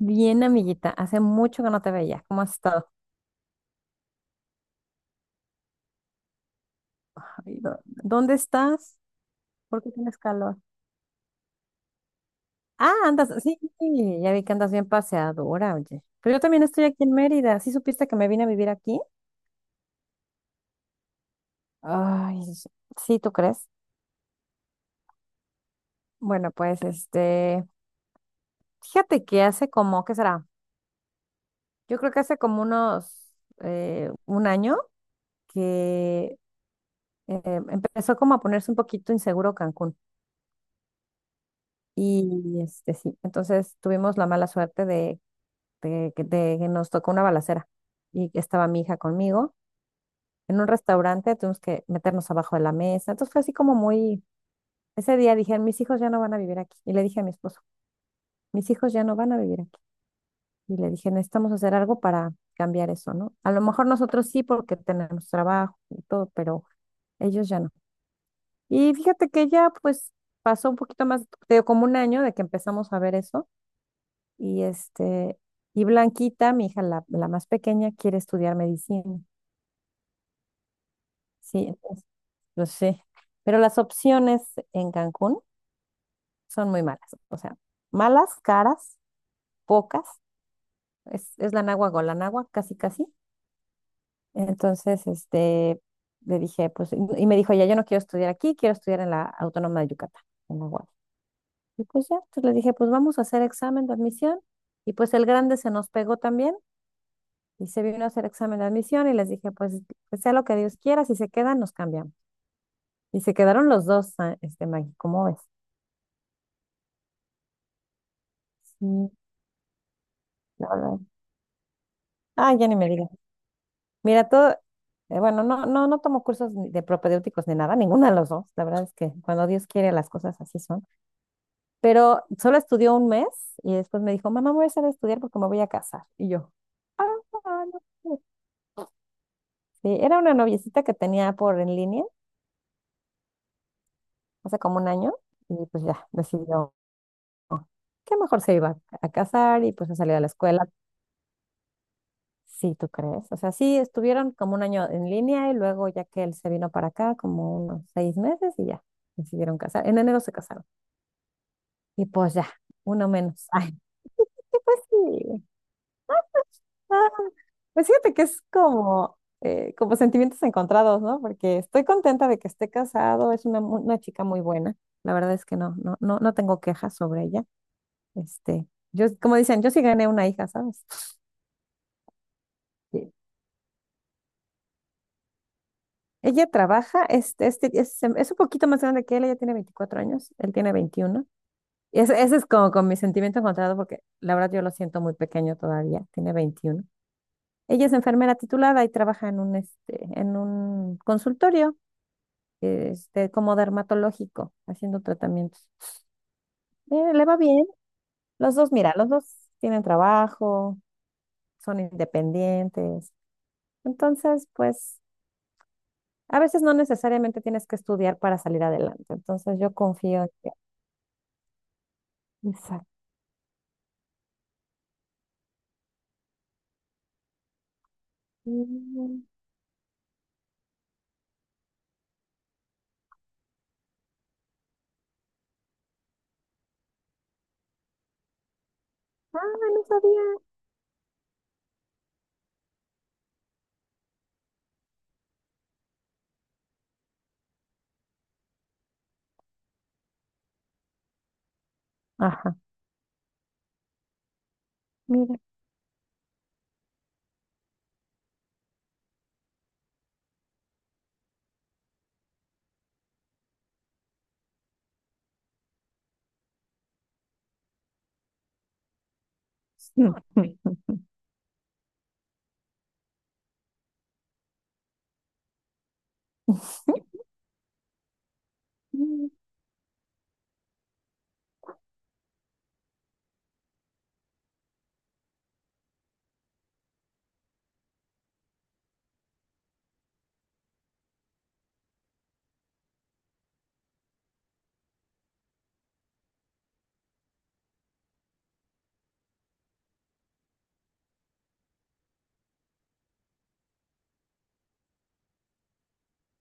Bien, amiguita, hace mucho que no te veía. ¿Cómo has estado? Ay, ¿Dónde estás? ¿Por qué tienes calor? Ah, andas, sí, sí, ya vi que andas bien paseadora, oye. Pero yo también estoy aquí en Mérida. ¿Sí supiste que me vine a vivir aquí? Ay, sí, sí, ¿tú crees? Bueno, fíjate que hace como, ¿qué será? Yo creo que hace como unos, un año que empezó como a ponerse un poquito inseguro Cancún. Y este, sí, entonces tuvimos la mala suerte de que nos tocó una balacera y que estaba mi hija conmigo en un restaurante, tuvimos que meternos abajo de la mesa. Entonces fue así como muy, ese día dije, mis hijos ya no van a vivir aquí. Y le dije a mi esposo, mis hijos ya no van a vivir aquí. Y le dije, necesitamos hacer algo para cambiar eso, ¿no? A lo mejor nosotros sí porque tenemos trabajo y todo, pero ellos ya no. Y fíjate que ya pues pasó un poquito más, te digo, como un año de que empezamos a ver eso. Y este, y Blanquita, mi hija, la más pequeña, quiere estudiar medicina. Sí, entonces, lo sé. Pero las opciones en Cancún son muy malas. O sea, malas, caras, pocas. Es la náhuatl, casi, casi. Entonces, este, le dije, pues, y me dijo, ya, yo no quiero estudiar aquí, quiero estudiar en la Autónoma de Yucatán, en la UAD. Y pues ya, entonces le dije, pues vamos a hacer examen de admisión. Y pues el grande se nos pegó también y se vino a hacer examen de admisión y les dije, pues, que sea lo que Dios quiera, si se quedan, nos cambiamos. Y se quedaron los dos, ah, este, Maggie, ¿cómo ves? Sí, la verdad. Ah, ya ni me digas. Mira, todo, bueno, no, no, no tomo cursos ni de propedéuticos ni nada, ninguna de los dos. La verdad es que cuando Dios quiere las cosas así son. Pero solo estudió un mes y después me dijo, mamá, me voy a hacer de estudiar porque me voy a casar. Y yo, ah, no sé". Sí, era una noviecita que tenía por en línea hace como un año y pues ya decidió que mejor se iba a casar y pues se salió de la escuela. Sí, ¿tú crees? O sea, sí, estuvieron como un año en línea y luego ya que él se vino para acá, como unos 6 meses y ya, decidieron casar. En enero se casaron. Y pues ya, uno menos. Ay, pues sí. Ah, pues fíjate que es como, como sentimientos encontrados, ¿no? Porque estoy contenta de que esté casado, es una, una chica muy buena. La verdad es que no, no, no, no tengo quejas sobre ella. Este, yo, como dicen, yo sí gané una hija, ¿sabes? Ella trabaja, es un poquito más grande que él, ella tiene 24 años, él tiene 21. Y ese es como con mi sentimiento encontrado porque la verdad yo lo siento muy pequeño todavía, tiene 21. Ella es enfermera titulada y trabaja en un, este, en un consultorio, este, como dermatológico, haciendo tratamientos. Le va bien. Los dos, mira, los dos tienen trabajo, son independientes. Entonces, pues, a veces no necesariamente tienes que estudiar para salir adelante. Entonces, yo confío. Exacto. Mm, ah, no sabía. Ajá, mira. Mm.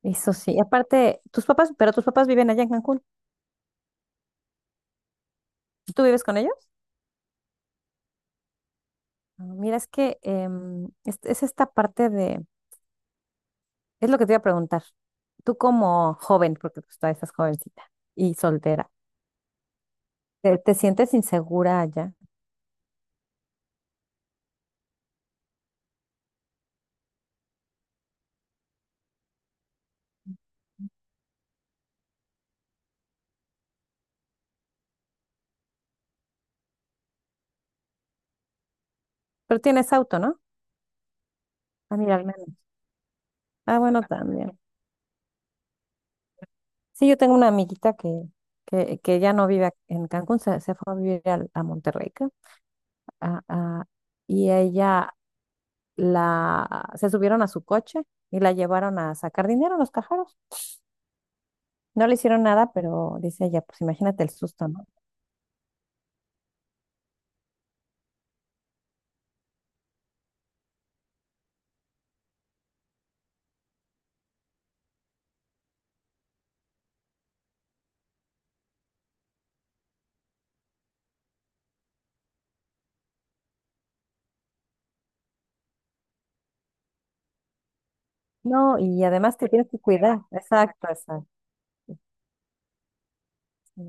Eso sí, aparte, tus papás, pero tus papás viven allá en Cancún. ¿Tú vives con ellos? Ah, mira, es que es esta parte de, es lo que te iba a preguntar. Tú como joven, porque pues todavía estás jovencita y soltera, te sientes insegura allá? Pero tienes auto, ¿no? Ah, mira, al menos. Ah, bueno, también. Sí, yo tengo una amiguita que ya no vive en Cancún, se fue a vivir a Monterrey. Ah, ah, y ella la se subieron a su coche y la llevaron a sacar dinero a los cajeros. No le hicieron nada, pero dice ella, pues imagínate el susto, ¿no? No, y además te tienes que cuidar. Exacto, exacto. Sí,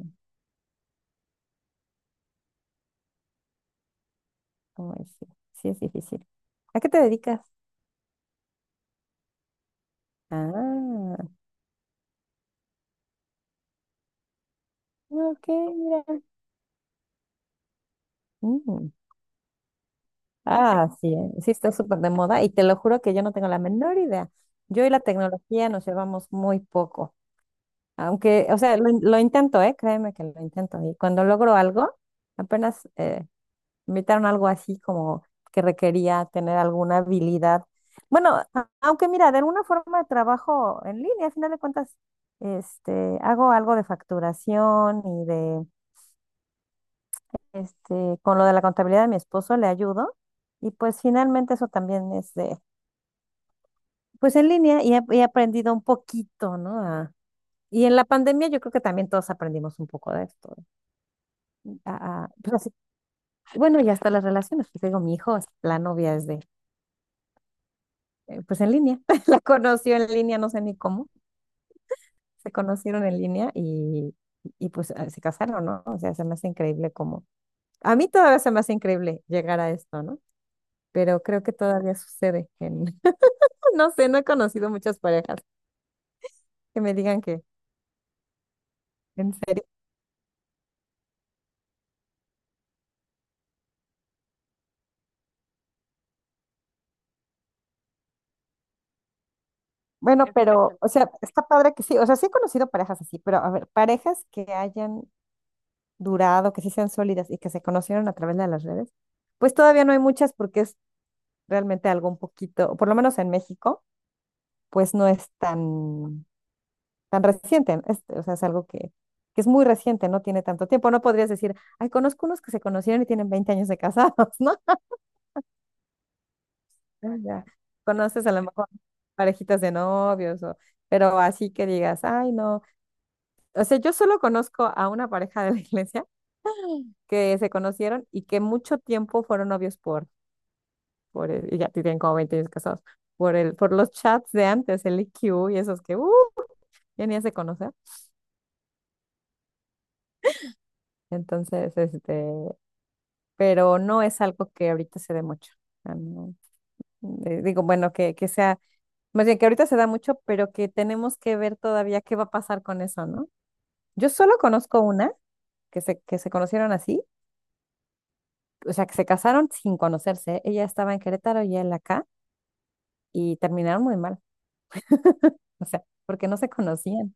como es, sí, sí es difícil. ¿A qué te dedicas? Ah, ok, mira. Mm. Ah, sí, sí está súper de moda y te lo juro que yo no tengo la menor idea. Yo y la tecnología nos llevamos muy poco. Aunque, o sea, lo, lo intento, ¿eh? Créeme que lo intento. Y cuando logro algo, apenas me invitaron a algo así como que requería tener alguna habilidad. Bueno, aunque mira, de alguna forma trabajo en línea, a final de cuentas, este, hago algo de facturación y de, este, con lo de la contabilidad de mi esposo le ayudo. Y pues finalmente eso también es de, pues en línea y he aprendido un poquito, ¿no? Y en la pandemia yo creo que también todos aprendimos un poco de esto. Pues bueno, y hasta las relaciones, pues digo, mi hijo, la novia es de, pues en línea, la conoció en línea, no sé ni cómo, se conocieron en línea y pues se casaron, ¿no? O sea, se me hace increíble como, a mí todavía se me hace increíble llegar a esto, ¿no? Pero creo que todavía sucede en, no sé, no he conocido muchas parejas que me digan que, en serio. Bueno, pero, o sea, está padre que sí, o sea, sí he conocido parejas así, pero a ver, parejas que hayan durado, que sí sean sólidas y que se conocieron a través de las redes, pues todavía no hay muchas porque es realmente algo un poquito, o por lo menos en México, pues no es tan reciente, o sea, es algo que es muy reciente, no tiene tanto tiempo, no podrías decir, ay, conozco unos que se conocieron y tienen 20 años de casados, ¿no? Ah, ya, conoces a lo mejor parejitas de novios, o, pero así que digas, ay, no, o sea, yo solo conozco a una pareja de la iglesia que se conocieron y que mucho tiempo fueron novios y ya tienen como 20 años casados, por los chats de antes, el i q y esos que, ya ni se conocer. Entonces, este, pero no es algo que ahorita se dé mucho. Ah, no. Digo, bueno, que sea, más bien que ahorita se da mucho, pero que tenemos que ver todavía qué va a pasar con eso, ¿no? Yo solo conozco una que se conocieron así, o sea, que se casaron sin conocerse. Ella estaba en Querétaro y él acá, y terminaron muy mal, o sea, porque no se conocían.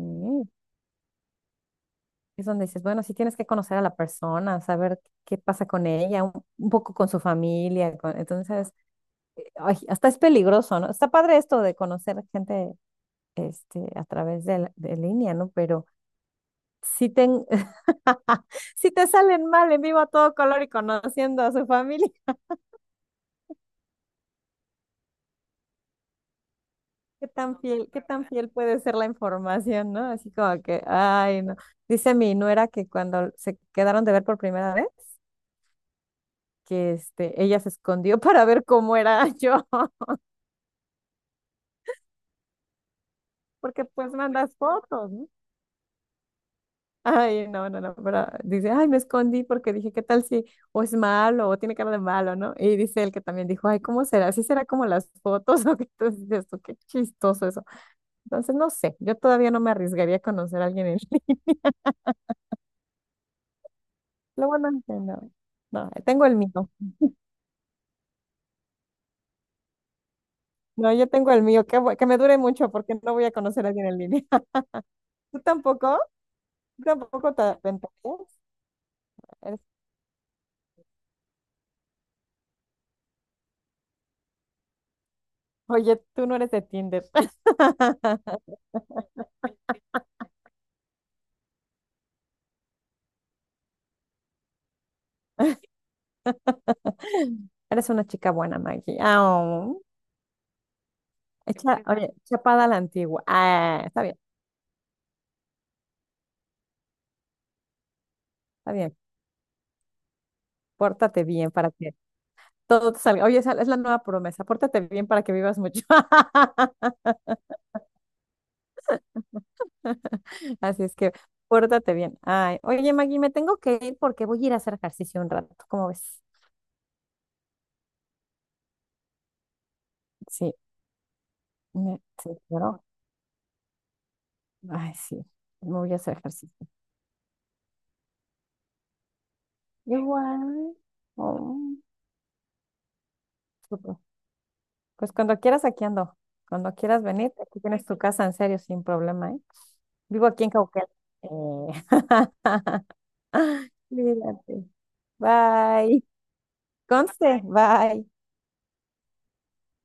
Mm. Es donde dices, bueno, sí tienes que conocer a la persona, saber qué pasa con ella, un poco con su familia. Entonces, ay, hasta es peligroso, ¿no? Está padre esto de conocer gente este, a través de, de línea, ¿no? Pero si te, si te salen mal en vivo a todo color y conociendo a su familia, qué tan fiel puede ser la información, ¿no? Así como que, ay, no. Dice mi nuera que cuando se quedaron de ver por primera vez, que este, ella se escondió para ver cómo era yo, porque pues mandas fotos, ¿no? Ay, no, no, no, pero dice, ay, me escondí porque dije, ¿qué tal si o es malo o tiene cara de malo, ¿no? Y dice él que también dijo, ay, ¿cómo será? ¿Sí será como las fotos o qué? Entonces dices tú, qué chistoso eso. Entonces, no sé, yo todavía no me arriesgaría a conocer a alguien en línea. Lo bueno es que no, no, tengo el mío. No, yo tengo el mío, que, que me dure mucho porque no voy a conocer a alguien en línea. ¿Tú tampoco? ¿Tú tampoco te aventarías? Eres- Oye, tú no eres de Tinder. Eres una chica buena, Maggie. Ah, echa, oye, chapada a la antigua. Ah, está bien, está bien. Pórtate bien para que todo te salga. Oye, esa es la nueva promesa. Pórtate bien para que vivas mucho. Así es que pórtate bien. Ay, oye, Maggie, me tengo que ir porque voy a ir a hacer ejercicio un rato. ¿Cómo ves? Sí, me, sí, claro. Ay, sí, me voy a hacer ejercicio. Igual. Oh, súper. Pues cuando quieras, aquí ando. Cuando quieras venir, aquí tienes tu casa, en serio, sin problema, ¿eh? Vivo aquí en Cauquel. Eh, Cuídate. Bye. Conste, bye.